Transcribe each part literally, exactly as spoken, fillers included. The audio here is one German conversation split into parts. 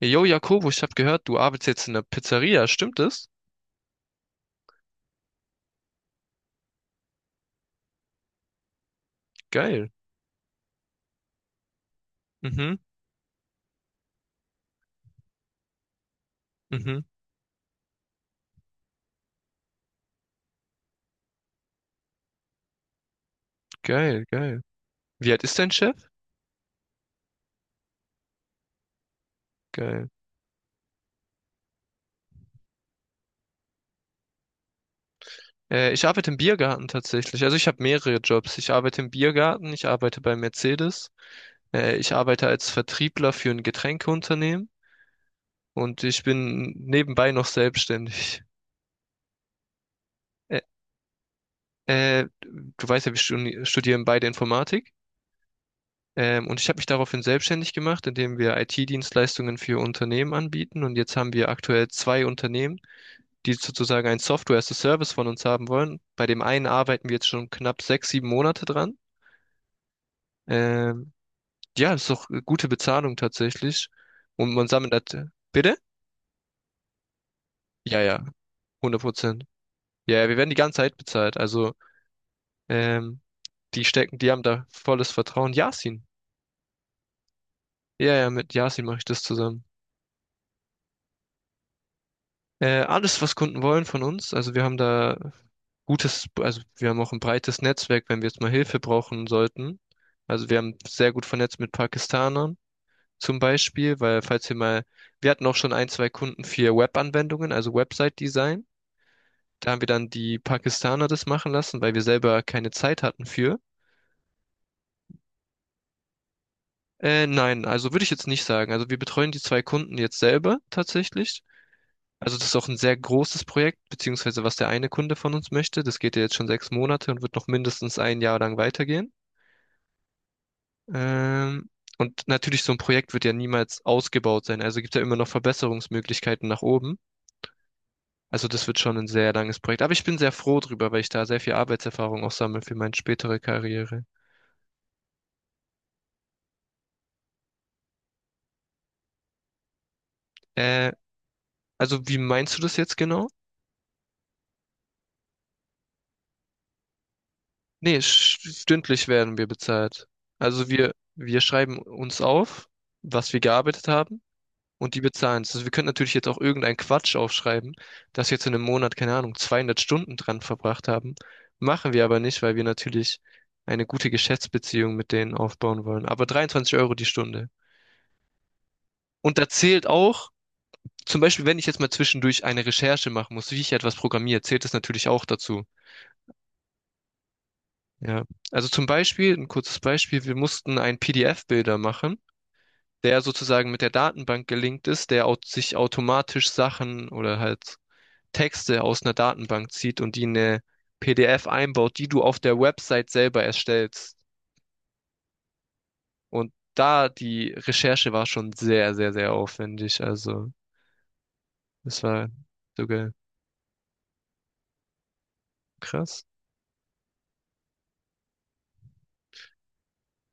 Jo, Jakobo, ich habe gehört, du arbeitest jetzt in der Pizzeria, stimmt das? Geil. Mhm, mhm, geil, geil. Wie alt ist dein Chef? Geil. Äh, ich arbeite im Biergarten tatsächlich. Also ich habe mehrere Jobs. Ich arbeite im Biergarten, ich arbeite bei Mercedes, äh, ich arbeite als Vertriebler für ein Getränkeunternehmen und ich bin nebenbei noch selbstständig. Äh, äh, Du weißt ja, wir studi- studieren beide Informatik. Ähm, und ich habe mich daraufhin selbstständig gemacht, indem wir I T-Dienstleistungen für Unternehmen anbieten. Und jetzt haben wir aktuell zwei Unternehmen, die sozusagen ein Software as a Service von uns haben wollen. Bei dem einen arbeiten wir jetzt schon knapp sechs, sieben Monate dran. Ähm, ja, ist doch eine gute Bezahlung tatsächlich. Und man sammelt das. Bitte? Ja, ja, hundert Prozent. Ja, ja, wir werden die ganze Zeit bezahlt. Also, ähm, die stecken, die haben da volles Vertrauen. Yasin. Ja, ja, mit Yasin mache ich das zusammen. Äh, alles, was Kunden wollen von uns. Also wir haben da gutes, also wir haben auch ein breites Netzwerk, wenn wir jetzt mal Hilfe brauchen sollten. Also wir haben sehr gut vernetzt mit Pakistanern zum Beispiel, weil falls wir mal, wir hatten auch schon ein, zwei Kunden für Web-Anwendungen, also Website-Design. Da haben wir dann die Pakistaner das machen lassen, weil wir selber keine Zeit hatten für. Äh, nein, also würde ich jetzt nicht sagen. Also wir betreuen die zwei Kunden jetzt selber tatsächlich. Also das ist auch ein sehr großes Projekt, beziehungsweise was der eine Kunde von uns möchte. Das geht ja jetzt schon sechs Monate und wird noch mindestens ein Jahr lang weitergehen. Ähm, und natürlich, so ein Projekt wird ja niemals ausgebaut sein. Also gibt ja immer noch Verbesserungsmöglichkeiten nach oben. Also das wird schon ein sehr langes Projekt. Aber ich bin sehr froh drüber, weil ich da sehr viel Arbeitserfahrung auch sammle für meine spätere Karriere. Äh, also wie meinst du das jetzt genau? Nee, sch- stündlich werden wir bezahlt. Also wir, wir schreiben uns auf, was wir gearbeitet haben. Und die bezahlen es. Also wir können natürlich jetzt auch irgendeinen Quatsch aufschreiben, dass wir jetzt in einem Monat, keine Ahnung, zweihundert Stunden dran verbracht haben. Machen wir aber nicht, weil wir natürlich eine gute Geschäftsbeziehung mit denen aufbauen wollen. Aber dreiundzwanzig Euro die Stunde. Und da zählt auch, zum Beispiel, wenn ich jetzt mal zwischendurch eine Recherche machen muss, wie ich etwas programmiere, zählt das natürlich auch dazu. Ja. Also zum Beispiel, ein kurzes Beispiel, wir mussten einen P D F-Bilder machen, der sozusagen mit der Datenbank gelinkt ist, der au- sich automatisch Sachen oder halt Texte aus einer Datenbank zieht und die in eine P D F einbaut, die du auf der Website selber erstellst. Und da die Recherche war schon sehr, sehr, sehr aufwendig. Also, das war sogar krass.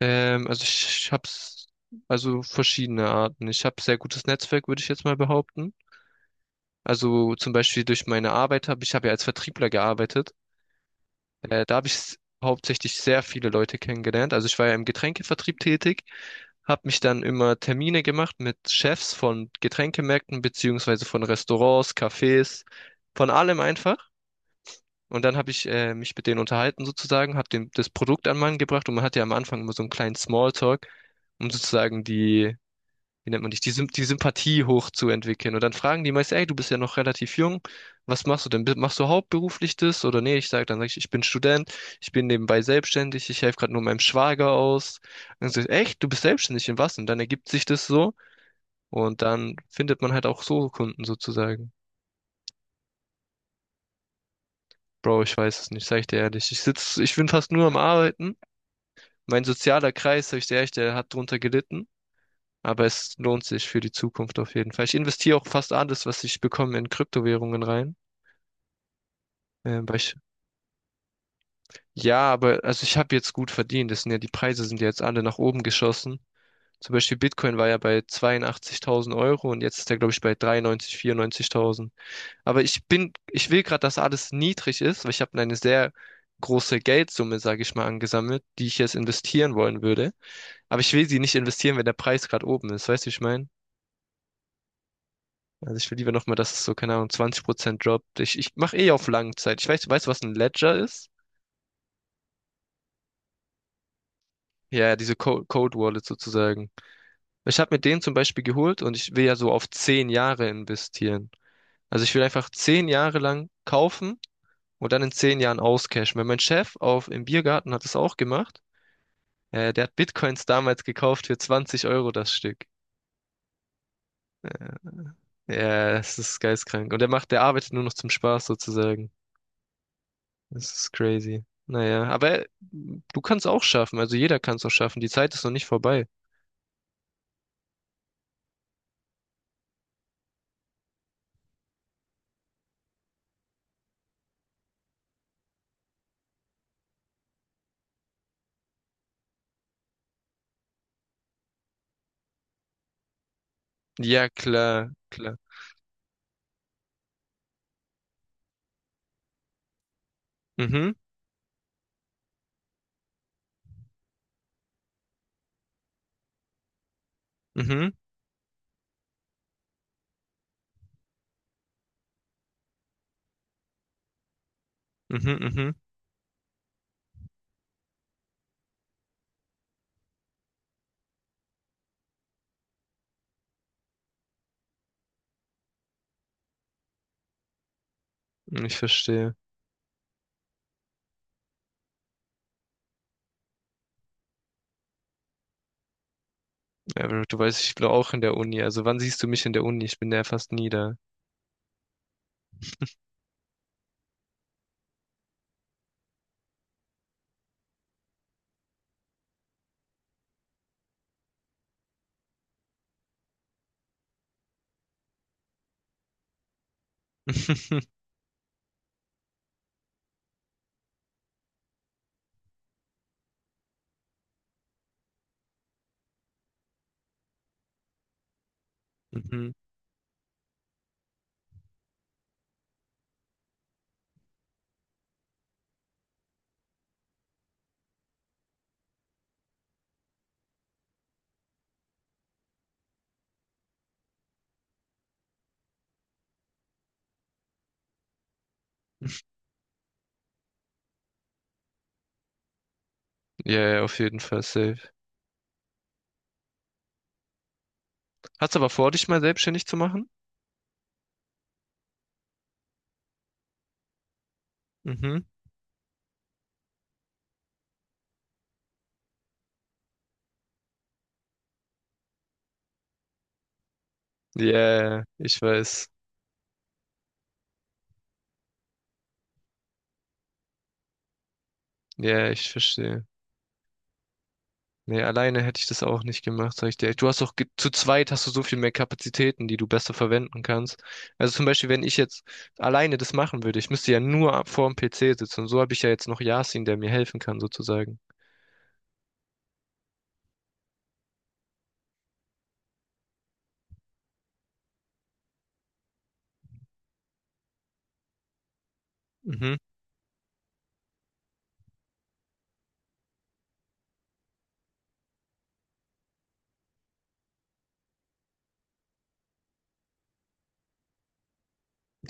Ähm, also ich hab's, also verschiedene Arten. Ich habe sehr gutes Netzwerk, würde ich jetzt mal behaupten. Also zum Beispiel durch meine Arbeit habe ich habe ja als Vertriebler gearbeitet. Äh, da habe ich s- hauptsächlich sehr viele Leute kennengelernt. Also ich war ja im Getränkevertrieb tätig habe mich dann immer Termine gemacht mit Chefs von Getränkemärkten beziehungsweise von Restaurants, Cafés, von allem einfach. Und dann habe ich äh, mich mit denen unterhalten sozusagen, habe dem das Produkt an Mann gebracht und man hat ja am Anfang immer so einen kleinen Smalltalk, um sozusagen die wie nennt man dich, die, Symp- die Sympathie hochzuentwickeln. Und dann fragen die meist, ey, du bist ja noch relativ jung, was machst du denn? Bi- Machst du hauptberuflich das? Oder nee, ich sage dann, sag ich, ich bin Student, ich bin nebenbei selbstständig, ich helfe gerade nur meinem Schwager aus. Und dann sag ich, echt, du bist selbstständig in was? Und dann ergibt sich das so und dann findet man halt auch so Kunden sozusagen. Bro, ich weiß es nicht, sag ich dir ehrlich. Ich sitz, ich bin fast nur am Arbeiten. Mein sozialer Kreis, sag ich dir ehrlich, der hat drunter gelitten. Aber es lohnt sich für die Zukunft auf jeden Fall. Ich investiere auch fast alles, was ich bekomme, in Kryptowährungen rein. Ähm, weil ich, ja, aber also ich habe jetzt gut verdient. Das sind ja, die Preise sind ja jetzt alle nach oben geschossen. Zum Beispiel Bitcoin war ja bei zweiundachtzigtausend Euro und jetzt ist er, glaube ich, bei dreiundneunzigtausend, vierundneunzigtausend. Aber ich bin, ich will gerade, dass alles niedrig ist, weil ich habe eine sehr große Geldsumme, sage ich mal, angesammelt, die ich jetzt investieren wollen würde. Aber ich will sie nicht investieren, wenn der Preis gerade oben ist. Weißt du, wie ich meine? Also ich will lieber nochmal, dass es so, keine Ahnung, zwanzig Prozent droppt. Ich, ich mache eh auf Langzeit. Ich weiß, weißt du, was ein Ledger ist? Ja, ja, diese Co Code Wallet sozusagen. Ich habe mir den zum Beispiel geholt und ich will ja so auf zehn Jahre investieren. Also ich will einfach zehn Jahre lang kaufen und dann in zehn Jahren auscashen. Weil mein Chef auf, im Biergarten hat es auch gemacht. Äh, der hat Bitcoins damals gekauft für zwanzig Euro das Stück. Äh, ja, das ist geistkrank. Und der macht, der arbeitet nur noch zum Spaß sozusagen. Das ist crazy. Naja, aber du kannst auch schaffen. Also jeder kann es auch schaffen. Die Zeit ist noch nicht vorbei. Ja, klar, klar. Mhm, mhm, mhm, mhm. Ich verstehe. Ja, aber du weißt, ich bin auch in der Uni. Also wann siehst du mich in der Uni? Ich bin ja fast nie da. Mhm. Ja, ja, auf jeden Fall safe. Hast aber vor, dich mal selbstständig zu machen? Mhm. Ja, ich weiß. Ja, ich verstehe. Nee, alleine hätte ich das auch nicht gemacht, sag ich dir. Du hast doch ge- zu zweit hast du so viel mehr Kapazitäten, die du besser verwenden kannst. Also zum Beispiel, wenn ich jetzt alleine das machen würde, ich müsste ja nur ab- vor dem P C sitzen. Und so habe ich ja jetzt noch Yasin, der mir helfen kann, sozusagen. Mhm.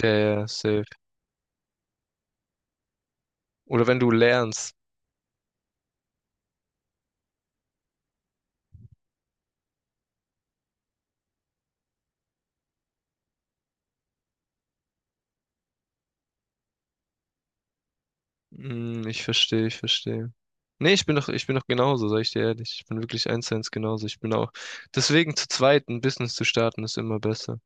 Der safe. Oder wenn du lernst. Hm, ich verstehe, ich verstehe. Nee, ich bin doch, ich bin doch genauso, sag ich dir ehrlich. Ich bin wirklich eins zu eins genauso. Ich bin auch. Deswegen zu zweit ein Business zu starten ist immer besser.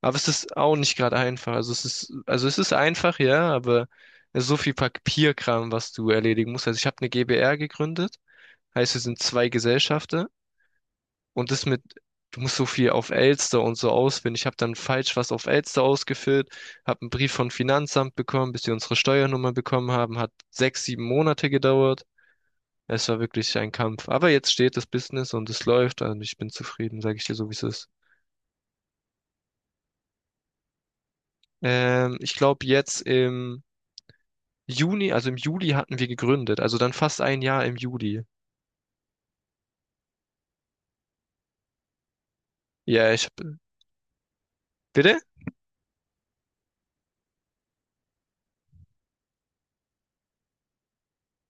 Aber es ist auch nicht gerade einfach. Also es ist, also es ist einfach, ja, aber es ist so viel Papierkram, was du erledigen musst. Also ich habe eine GbR gegründet, heißt, wir sind zwei Gesellschafter und das mit, du musst so viel auf Elster und so ausfüllen. Ich habe dann falsch was auf Elster ausgefüllt, habe einen Brief vom Finanzamt bekommen, bis sie unsere Steuernummer bekommen haben, hat sechs, sieben Monate gedauert. Es war wirklich ein Kampf. Aber jetzt steht das Business und es läuft und ich bin zufrieden, sage ich dir so, wie es ist. Ähm, ich glaube, jetzt im Juni, also im Juli hatten wir gegründet, also dann fast ein Jahr im Juli. Ja, ich hab, bitte?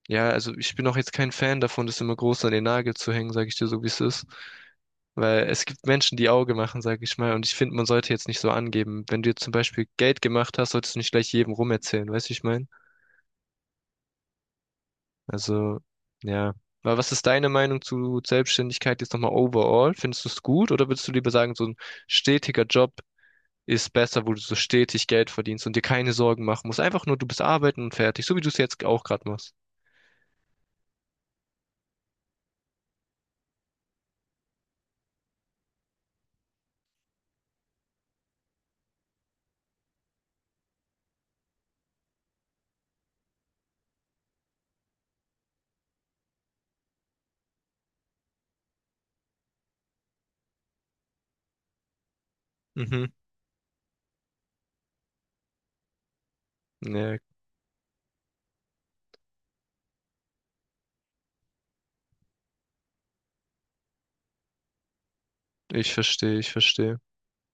Ja, also ich bin auch jetzt kein Fan davon, das immer groß an den Nagel zu hängen, sage ich dir so, wie es ist. Weil es gibt Menschen, die Auge machen, sage ich mal. Und ich finde, man sollte jetzt nicht so angeben. Wenn du jetzt zum Beispiel Geld gemacht hast, solltest du nicht gleich jedem rumerzählen, weißt du, wie ich meine? Also, ja. Aber was ist deine Meinung zu Selbstständigkeit jetzt nochmal overall? Findest du es gut oder würdest du lieber sagen, so ein stetiger Job, ist besser, wo du so stetig Geld verdienst und dir keine Sorgen machen musst. Einfach nur, du bist arbeiten und fertig, so wie du es jetzt auch gerade machst. Mhm. Ja, ich verstehe, ich verstehe.